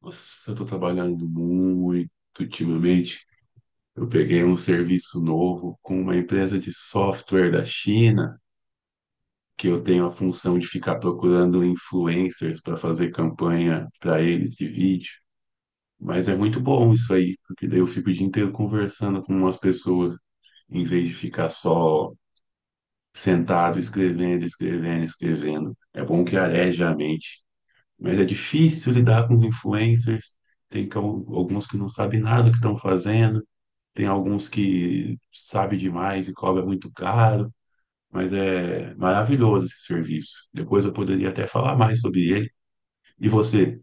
Nossa, eu tô trabalhando muito ultimamente. Eu peguei um serviço novo com uma empresa de software da China, que eu tenho a função de ficar procurando influencers para fazer campanha para eles de vídeo. Mas é muito bom isso aí, porque daí eu fico o dia inteiro conversando com umas pessoas, em vez de ficar só sentado escrevendo, escrevendo, escrevendo. É bom que areja a mente. Mas é difícil lidar com os influencers. Alguns que não sabem nada do que estão fazendo, tem alguns que sabem demais e cobra muito caro, mas é maravilhoso esse serviço. Depois eu poderia até falar mais sobre ele. E você,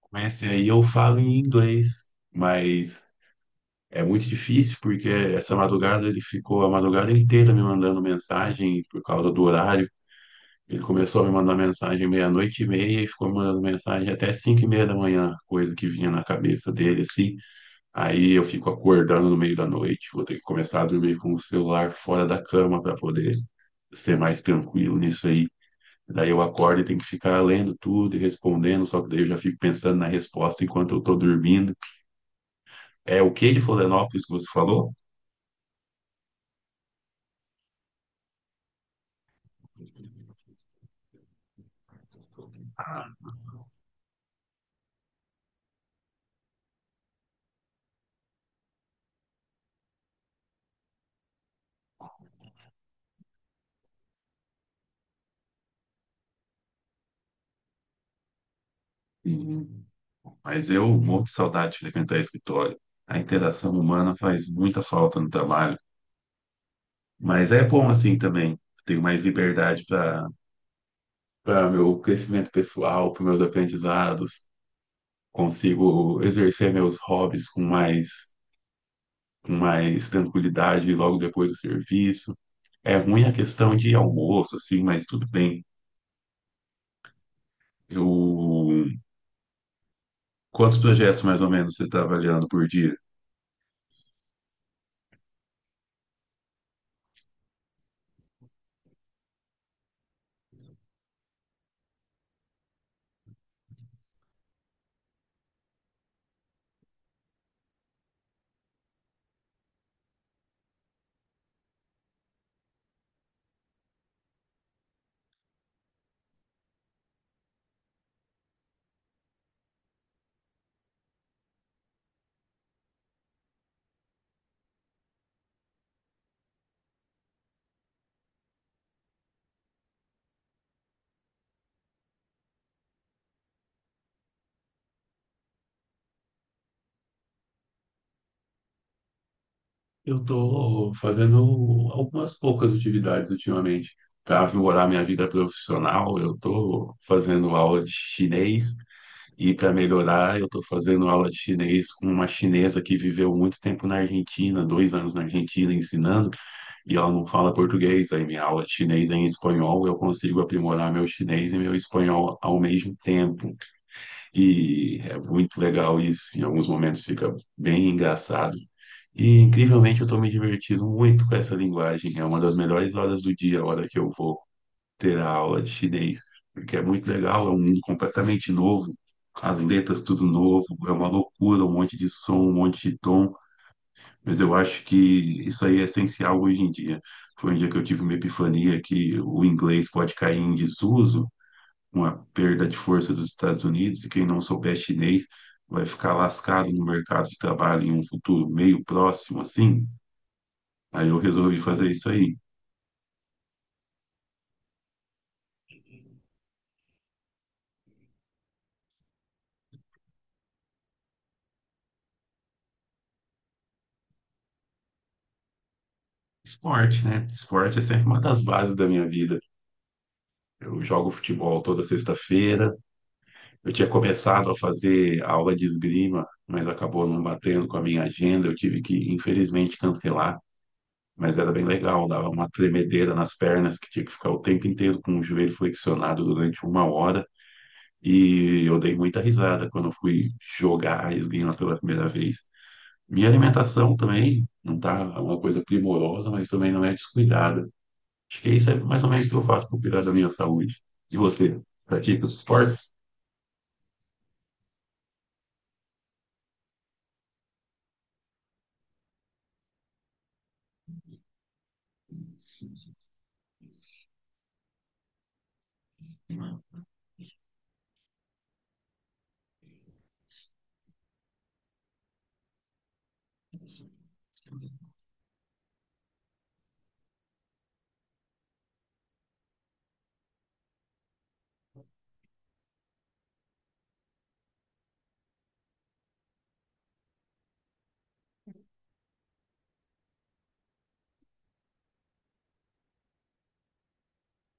com esse aí eu falo em inglês, mas é muito difícil porque essa madrugada ele ficou a madrugada inteira me mandando mensagem por causa do horário. Ele começou a me mandar mensagem meia-noite e meia e ficou me mandando mensagem até 5:30 da manhã, coisa que vinha na cabeça dele, assim. Aí eu fico acordando no meio da noite, vou ter que começar a dormir com o celular fora da cama para poder ser mais tranquilo nisso aí. Daí eu acordo e tenho que ficar lendo tudo e respondendo, só que daí eu já fico pensando na resposta enquanto eu tô dormindo. É o que de Florianópolis que você falou? Uhum. Mas eu morro de saudade de frequentar escritório. A interação humana faz muita falta no trabalho. Mas é bom assim também. Tenho mais liberdade para meu crescimento pessoal, para meus aprendizados. Consigo exercer meus hobbies com mais tranquilidade logo depois do serviço. É ruim a questão de almoço, assim, mas tudo bem. Eu... Quantos projetos mais ou menos você está avaliando por dia? Eu estou fazendo algumas poucas atividades ultimamente. Para melhorar minha vida profissional, eu estou fazendo aula de chinês e para melhorar, eu estou fazendo aula de chinês com uma chinesa que viveu muito tempo na Argentina, 2 anos na Argentina ensinando, e ela não fala português. Aí minha aula de chinês é em espanhol, eu consigo aprimorar meu chinês e meu espanhol ao mesmo tempo. E é muito legal isso. Em alguns momentos fica bem engraçado. E incrivelmente eu estou me divertindo muito com essa linguagem. É uma das melhores horas do dia, a hora que eu vou ter a aula de chinês, porque é muito legal, é um mundo completamente novo. As letras tudo novo, é uma loucura, um monte de som, um monte de tom, mas eu acho que isso aí é essencial hoje em dia. Foi um dia que eu tive uma epifania que o inglês pode cair em desuso, uma perda de força dos Estados Unidos, e quem não souber chinês vai ficar lascado no mercado de trabalho em um futuro meio próximo, assim. Aí eu resolvi fazer isso aí. Esporte, né? Esporte é sempre uma das bases da minha vida. Eu jogo futebol toda sexta-feira. Eu tinha começado a fazer aula de esgrima, mas acabou não batendo com a minha agenda. Eu tive que, infelizmente, cancelar. Mas era bem legal, dava uma tremedeira nas pernas, que tinha que ficar o tempo inteiro com o joelho flexionado durante uma hora. E eu dei muita risada quando eu fui jogar esgrima pela primeira vez. Minha alimentação também não tá uma coisa primorosa, mas também não é descuidada. Acho que isso é mais ou menos o que eu faço para cuidar da minha saúde. E você, pratica os esportes?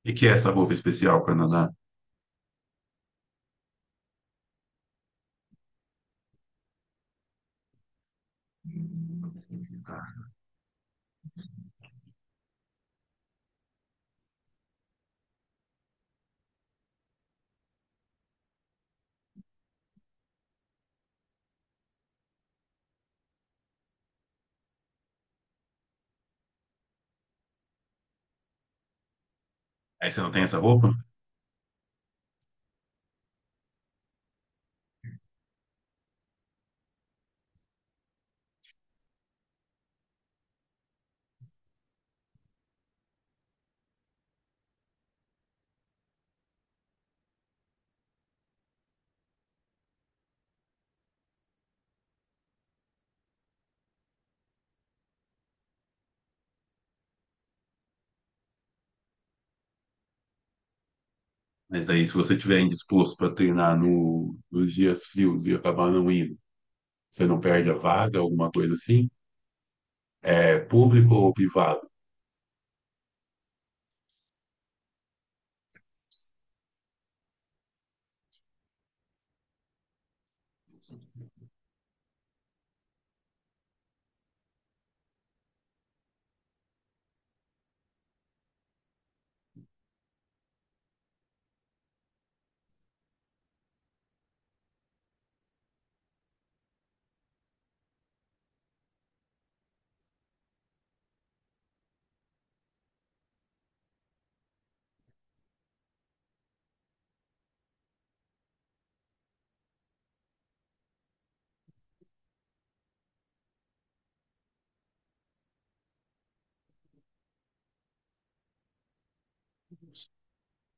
E que é essa roupa especial, Canadá? Aí você não tem essa roupa? Mas daí, se você estiver indisposto para treinar nos dias frios e acabar não indo, você não perde a vaga, alguma coisa assim? É público ou privado?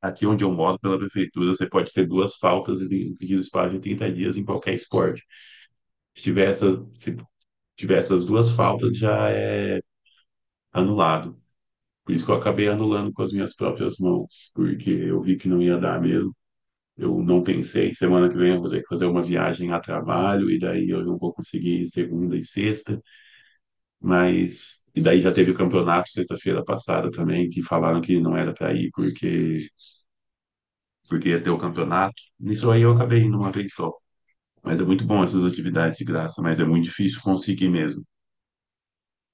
Aqui onde eu moro, pela prefeitura, você pode ter duas faltas e pedir espaço de 30 dias em qualquer esporte. Se tiver essas duas faltas, já é anulado. Por isso que eu acabei anulando com as minhas próprias mãos, porque eu vi que não ia dar mesmo. Eu não pensei, semana que vem eu vou ter que fazer uma viagem a trabalho, e daí eu não vou conseguir segunda e sexta, mas. E daí já teve o campeonato sexta-feira passada também, que falaram que não era para ir porque ia ter o campeonato. Nisso aí eu acabei indo uma vez só. Mas é muito bom essas atividades de graça, mas é muito difícil conseguir mesmo.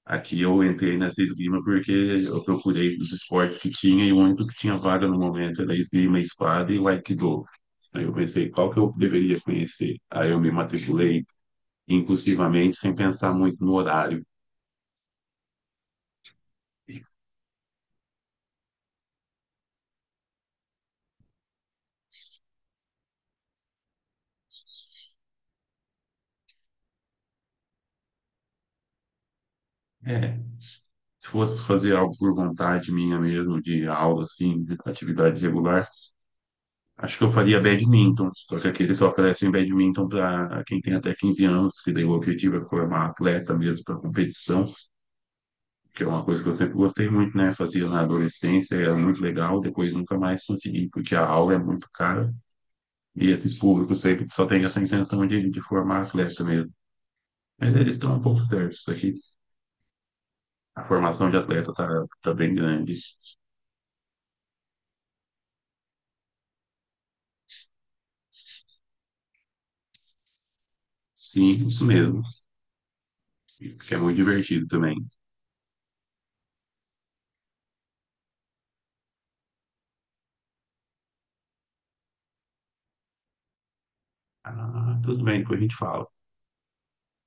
Aqui eu entrei nessa esgrima porque eu procurei os esportes que tinha e o único que tinha vaga no momento era esgrima, espada e o aikido. Aí eu pensei, qual que eu deveria conhecer? Aí eu me matriculei impulsivamente, sem pensar muito no horário. É, se fosse fazer algo por vontade minha mesmo, de aula, assim, de atividade regular, acho que eu faria badminton, só que aqui eles só oferecem badminton para quem tem até 15 anos, que daí o objetivo é formar atleta mesmo para competição, que é uma coisa que eu sempre gostei muito, né? Fazia na adolescência, era muito legal, depois nunca mais consegui, porque a aula é muito cara e esses públicos sempre só têm essa intenção de formar atleta mesmo. Mas eles estão um pouco certos aqui. A formação de atleta tá bem grande. Sim, isso mesmo, que é muito divertido também. Ah, tudo bem, depois a gente fala.